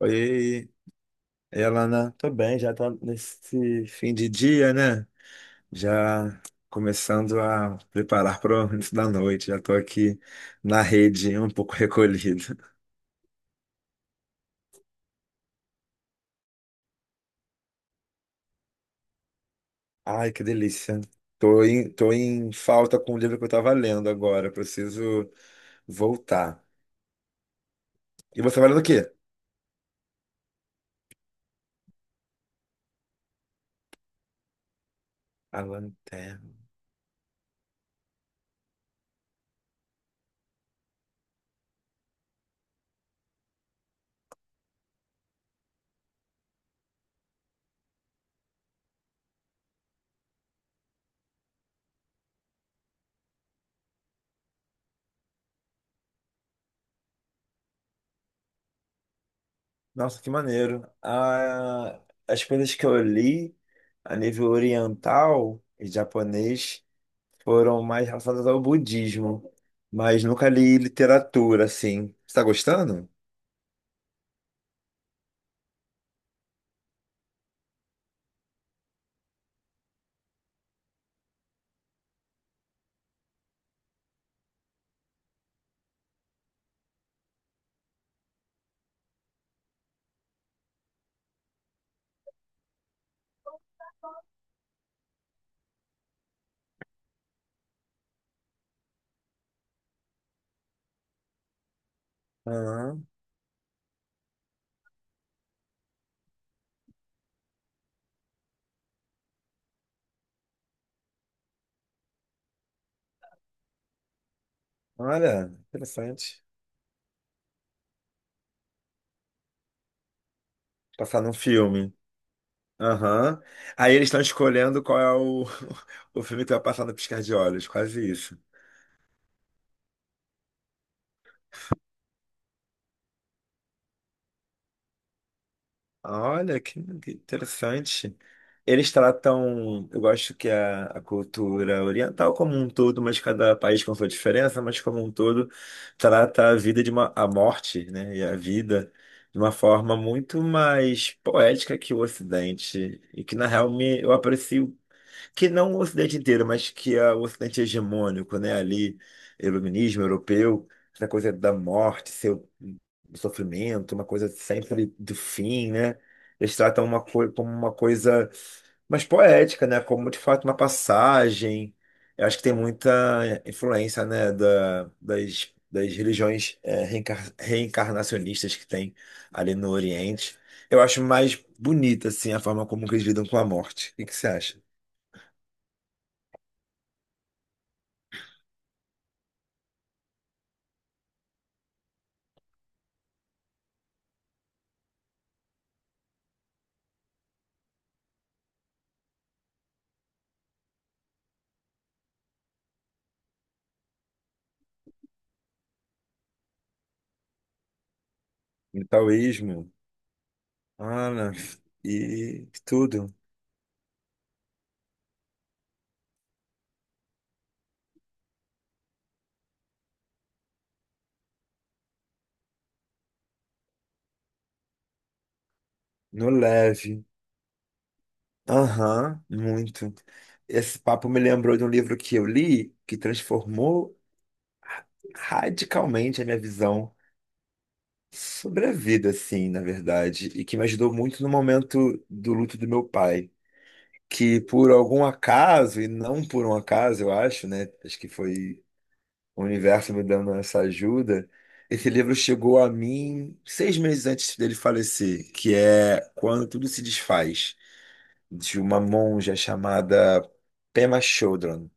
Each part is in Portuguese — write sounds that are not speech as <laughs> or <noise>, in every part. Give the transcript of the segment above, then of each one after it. Oi, Elana. Tô bem, já tá nesse fim de dia, né? Já começando a preparar para o início da noite. Já tô aqui na rede, um pouco <laughs> recolhido. Ai, que delícia. Tô em falta com o livro que eu tava lendo agora. Preciso voltar. E você vai lendo o quê? A Lanterna. Nossa, que maneiro. Ah, as coisas que eu li a nível oriental e japonês foram mais relacionadas ao budismo, mas nunca li literatura, assim. Você está gostando? Aham. Olha, interessante. Passar num filme. Aham. Aí eles estão escolhendo qual é o, <laughs> o filme que vai passar no piscar de olhos, quase isso. Olha, que interessante. Eles tratam, eu gosto que a cultura oriental como um todo, mas cada país com sua diferença, mas como um todo, trata a vida de uma, a morte, né, e a vida de uma forma muito mais poética que o Ocidente, e que na real me, eu aprecio que não o Ocidente inteiro, mas que é o Ocidente hegemônico, né? Ali, iluminismo europeu, essa coisa da morte, seu sofrimento, uma coisa sempre do fim, né? Eles tratam uma coisa como uma coisa mais poética, né? Como de fato uma passagem. Eu acho que tem muita influência, né? Da, das religiões reencarnacionistas que tem ali no Oriente. Eu acho mais bonita, assim, a forma como eles lidam com a morte. O que que você acha? No taoísmo, Ana, e tudo, no leve. Aham, muito. Esse papo me lembrou de um livro que eu li que transformou radicalmente a minha visão sobre a vida, assim, na verdade, e que me ajudou muito no momento do luto do meu pai, que por algum acaso, e não por um acaso, eu acho, né? Acho que foi o universo me dando essa ajuda. Esse livro chegou a mim 6 meses antes dele falecer, que é Quando Tudo Se Desfaz, de uma monja chamada Pema Chodron.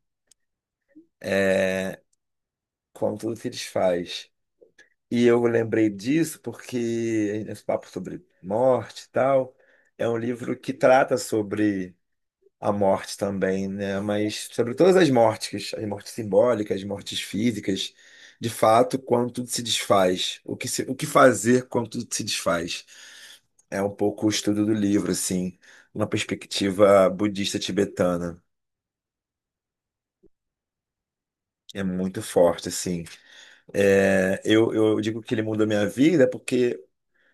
É, Quando Tudo Se Desfaz. E eu lembrei disso porque esse papo sobre morte e tal, é um livro que trata sobre a morte também, né? Mas sobre todas as mortes simbólicas, as mortes físicas, de fato, quando tudo se desfaz, o que fazer quando tudo se desfaz? É um pouco o estudo do livro, assim, uma perspectiva budista tibetana. É muito forte, assim. É, eu digo que ele mudou minha vida porque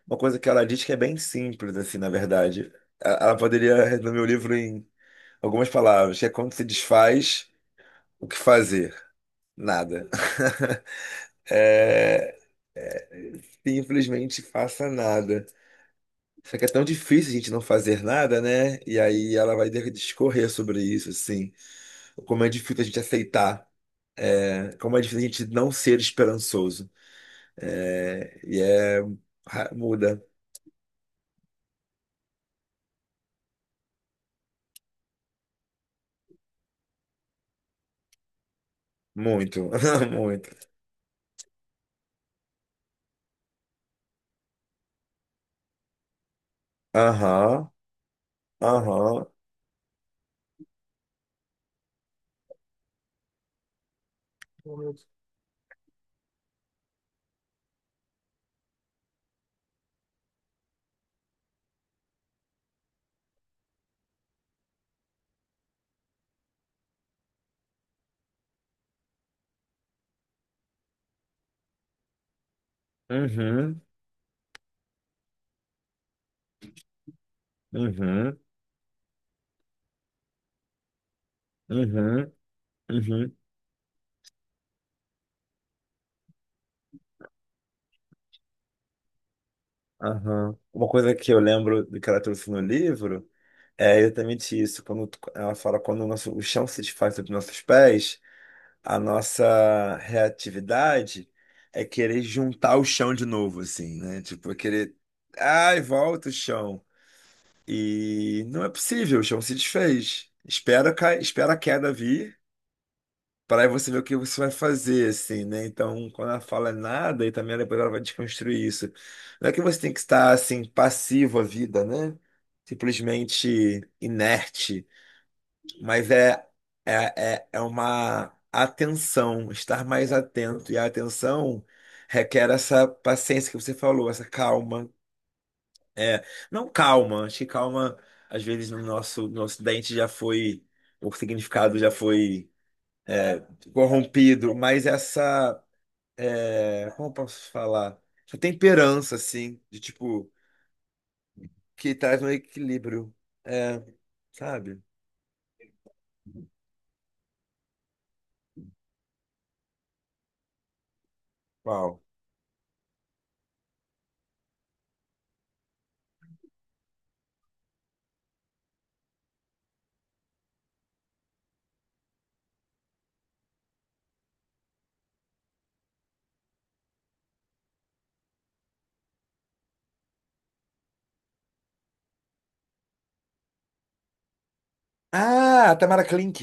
uma coisa que ela diz que é bem simples, assim, na verdade. Ela poderia resumir o livro em algumas palavras, que é quando se desfaz, o que fazer? Nada. é, Simplesmente faça nada. Só que é tão difícil a gente não fazer nada, né? E aí ela vai ter que discorrer sobre isso, assim. Como é difícil a gente aceitar, né? Como é difícil a gente não ser esperançoso. É, e é. Muda. Muito, <laughs> muito. Aham, aham. Uhum, uhum, uhum, uhum, aham. Uma coisa que eu lembro do que ela trouxe no livro é exatamente isso. Ela fala quando o nosso, o chão se desfaz sobre nossos pés, a nossa reatividade é querer juntar o chão de novo, assim, né? Tipo, é querer, ai, volta o chão. E não é possível, o chão se desfez. Espera, cai, espera a queda vir, para aí você ver o que você vai fazer, assim, né? Então, quando ela fala nada, e também depois ela vai desconstruir isso. Não é que você tem que estar, assim, passivo à vida, né? Simplesmente inerte. Mas é, é uma atenção, estar mais atento. E a atenção requer essa paciência que você falou, essa calma. É, não calma, acho que calma, às vezes, no nosso, no Ocidente já foi, o significado já foi é, corrompido, mas essa, é, como eu posso falar? Essa temperança, assim, de tipo, que traz um equilíbrio, é, sabe? Qual? Ah, Tamara Klink.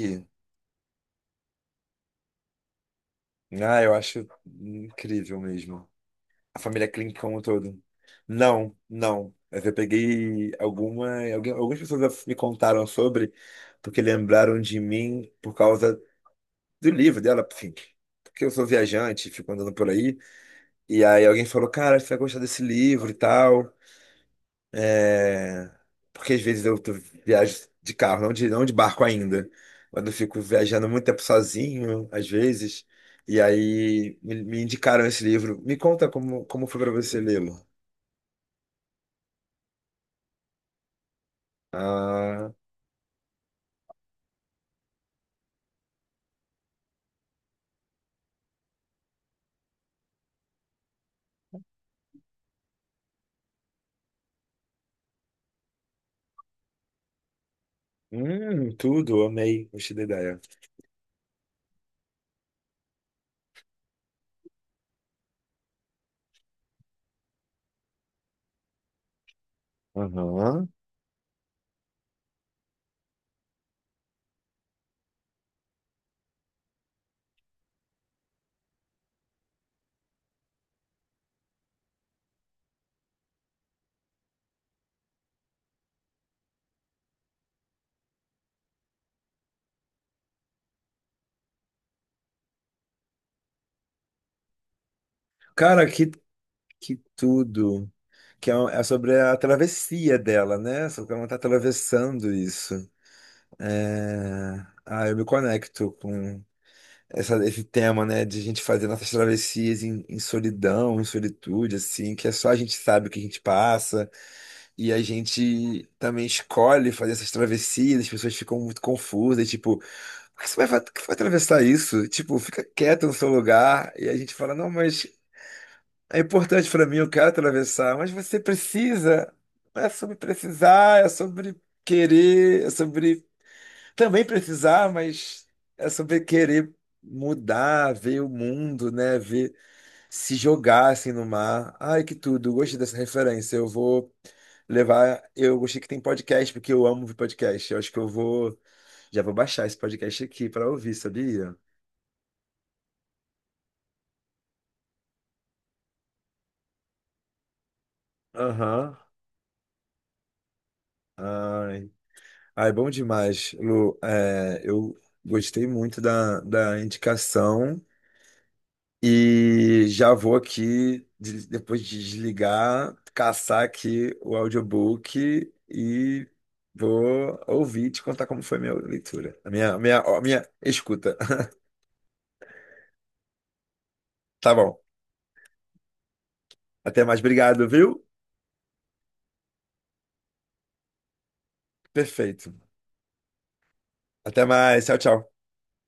Ah, eu acho incrível mesmo. A família Klink como um todo. Não, não. Mas eu peguei algumas pessoas me contaram sobre, porque lembraram de mim por causa do livro dela, enfim. Porque eu sou viajante, fico andando por aí. E aí alguém falou, cara, você vai gostar desse livro e tal. É, porque às vezes viajo de carro, não de barco ainda. Quando eu fico viajando muito tempo sozinho, às vezes. E aí me indicaram esse livro. Me conta como foi para você lê-lo. Ah, tudo, amei, gostei da ideia. Aham. Cara, que tudo. É sobre a travessia dela, né? Sobre como ela tá atravessando isso. É... Ah, eu me conecto com esse tema, né, de a gente fazer nossas travessias em, em solidão, em solitude, assim, que é só a gente sabe o que a gente passa, e a gente também escolhe fazer essas travessias, as pessoas ficam muito confusas, tipo, por que você vai, que vai atravessar isso? Tipo, fica quieto no seu lugar, e a gente fala, não, mas é importante pra mim, eu quero atravessar, mas você precisa, não é sobre precisar, é sobre querer, é sobre também precisar, mas é sobre querer mudar, ver o mundo, né? Ver se jogar assim no mar. Ai, que tudo, gostei dessa referência. Eu vou levar. Eu gostei que tem podcast, porque eu amo ouvir podcast. Eu acho que eu vou. Já vou baixar esse podcast aqui para ouvir, sabia? Aham. Ai. Ai, bom demais, Lu. É, eu gostei muito da, da indicação. E já vou aqui, depois de desligar, caçar aqui o audiobook e vou ouvir e te contar como foi a minha leitura, a minha escuta. <laughs> Tá bom. Até mais. Obrigado, viu? Perfeito. Até mais. Tchau, tchau.